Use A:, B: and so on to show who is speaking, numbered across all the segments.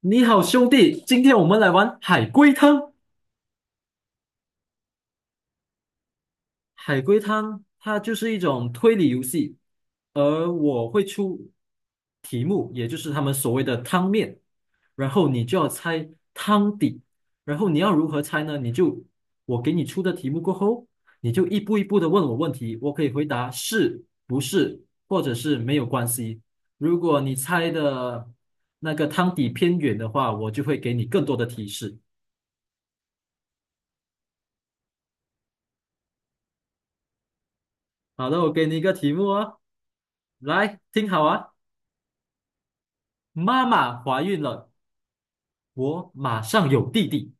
A: 你好，兄弟，今天我们来玩海龟汤。海龟汤它就是一种推理游戏，而我会出题目，也就是他们所谓的汤面，然后你就要猜汤底，然后你要如何猜呢？我给你出的题目过后，你就一步一步的问我问题，我可以回答是不是，或者是没有关系。如果你猜的那个汤底偏远的话，我就会给你更多的提示。好的，我给你一个题目哦，来，听好啊。妈妈怀孕了，我马上有弟弟。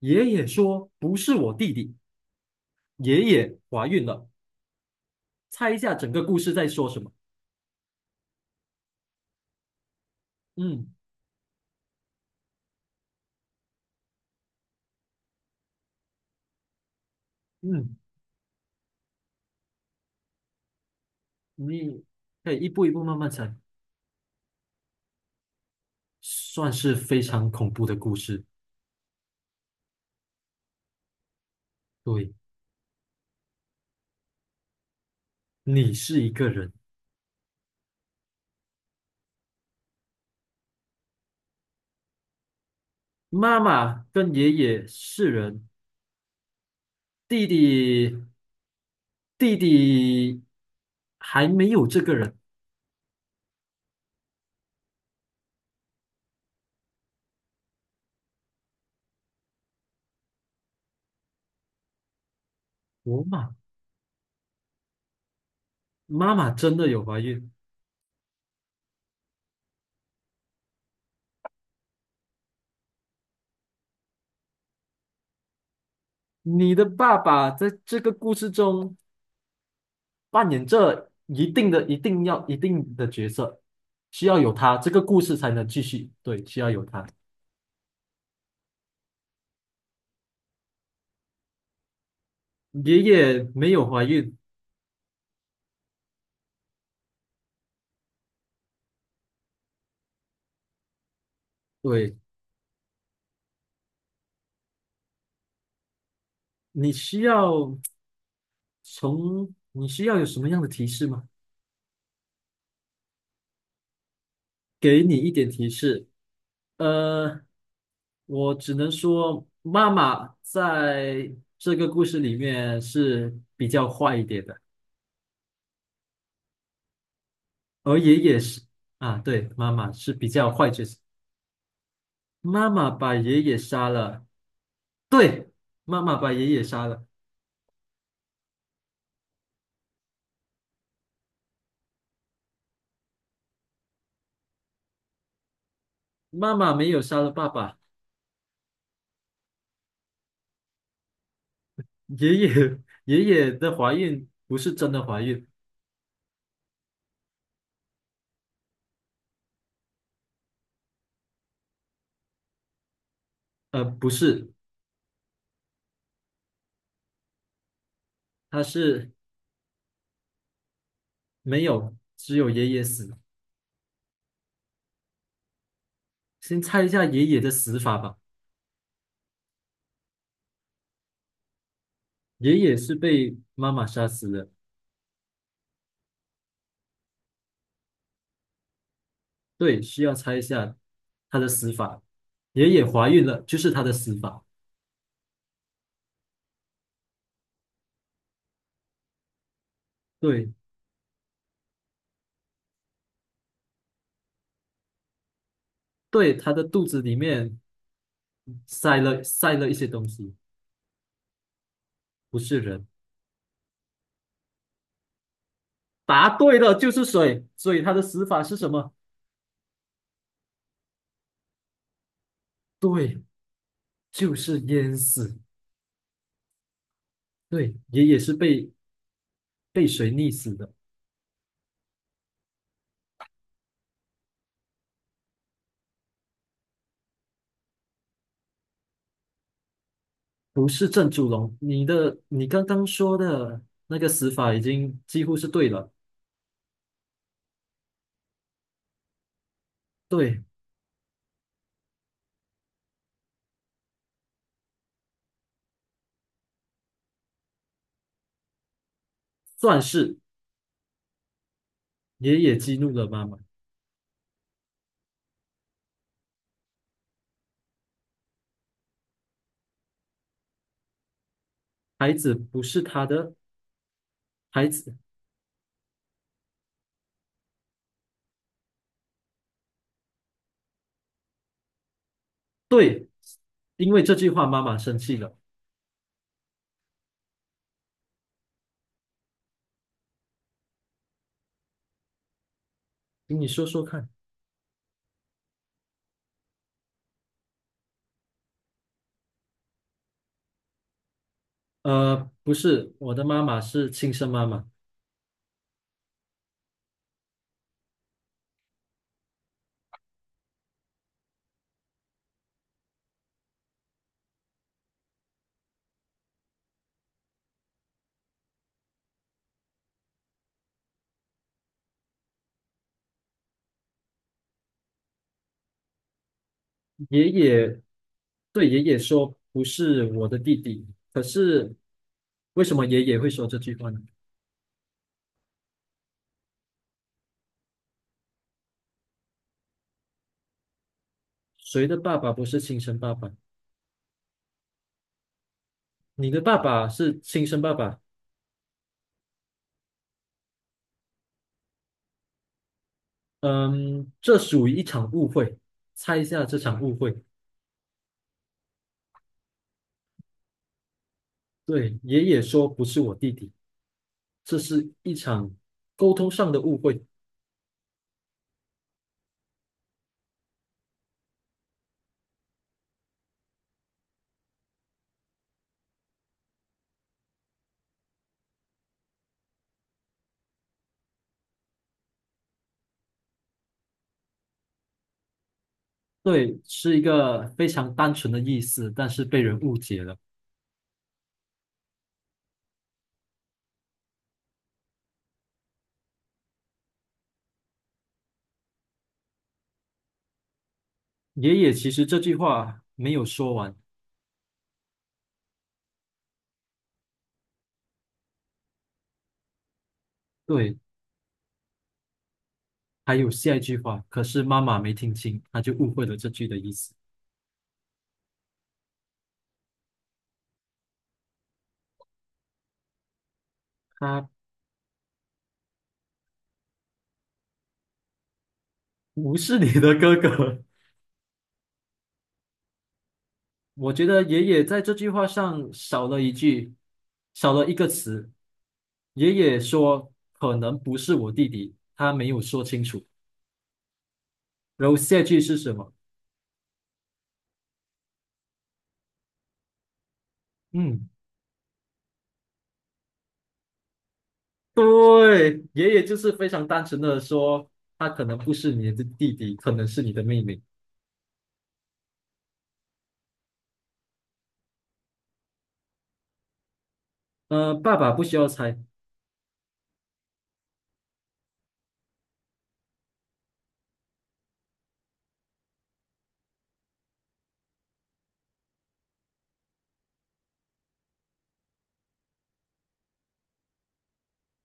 A: 爷爷说不是我弟弟，爷爷怀孕了。猜一下整个故事在说什么？嗯嗯，你可以一步一步慢慢猜，算是非常恐怖的故事。对，你是一个人，妈妈跟爷爷是人，弟弟弟弟还没有这个人。我马妈妈真的有怀孕，你的爸爸在这个故事中扮演着一定的、一定要、一定的角色，需要有他，这个故事才能继续。对，需要有他。爷爷没有怀孕，对，你需要你需要有什么样的提示吗？给你一点提示。呃，我只能说，妈妈在这个故事里面是比较坏一点的。而爷爷是啊，对，妈妈是比较坏角色。妈妈把爷爷杀了，对，妈妈把爷爷杀了。妈妈没有杀了爸爸，爷爷 爷爷的怀孕不是真的怀孕，不是，他是没有，只有爷爷死。先猜一下爷爷的死法吧。爷爷是被妈妈杀死的，对，需要猜一下他的死法。爷爷怀孕了，就是他的死法。对，对，他的肚子里面。塞了一些东西，不是人。答对了，就是水，所以他的死法是什么？对，就是淹死。对，爷爷是被被水溺死的，不是郑祖龙。你刚刚说的那个死法已经几乎是对了，对，算是爷爷激怒了妈妈，孩子不是他的孩子，对，因为这句话妈妈生气了。你说说看，呃，不是，我的妈妈是亲生妈妈。爷爷对爷爷说不是我的弟弟，可是为什么爷爷会说这句话呢？谁的爸爸不是亲生爸爸？你的爸爸是亲生爸爸，嗯，这属于一场误会。猜一下这场误会。对，爷爷说不是我弟弟，这是一场沟通上的误会。对，是一个非常单纯的意思，但是被人误解了。爷爷其实这句话没有说完。对，还有下一句话，可是妈妈没听清，她就误会了这句的意思。他不是你的哥哥。我觉得爷爷在这句话上少了一句，少了一个词。爷爷说可能不是我弟弟，他没有说清楚。然后下句是什么？嗯，对，爷爷就是非常单纯的说，他可能不是你的弟弟，可能是你的妹妹。呃，爸爸不需要猜。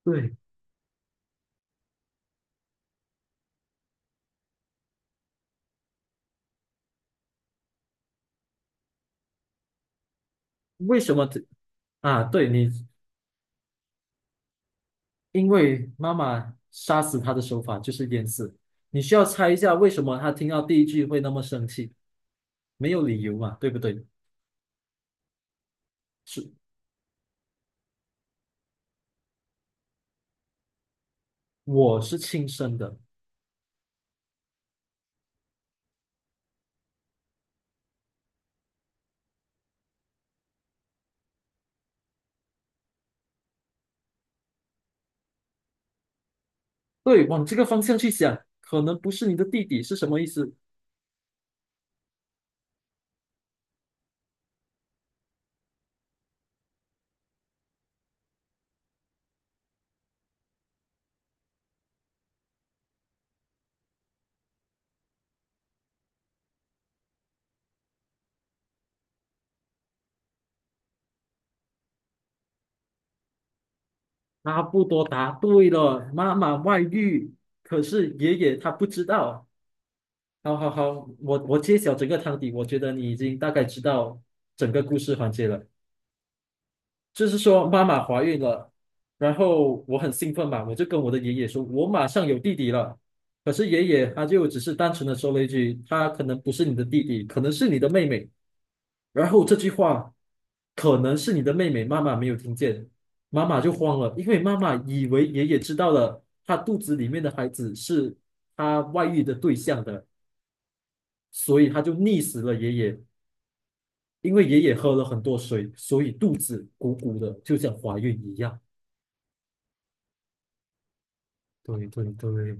A: 对，为什么这？啊，对你。因为妈妈杀死他的手法就是淹死。你需要猜一下为什么他听到第一句会那么生气，没有理由嘛，对不对？是，我是亲生的。对，往这个方向去想，可能不是你的弟弟是什么意思？阿布多答对了，妈妈外遇，可是爷爷他不知道。好好好，我揭晓整个汤底，我觉得你已经大概知道整个故事环节了。就是说妈妈怀孕了，然后我很兴奋嘛，我就跟我的爷爷说，我马上有弟弟了。可是爷爷他就只是单纯的说了一句，他可能不是你的弟弟，可能是你的妹妹。然后这句话可能是你的妹妹，妈妈没有听见，妈妈就慌了，因为妈妈以为爷爷知道了她肚子里面的孩子是她外遇的对象的，所以她就溺死了爷爷。因为爷爷喝了很多水，所以肚子鼓鼓的，就像怀孕一样。对对对，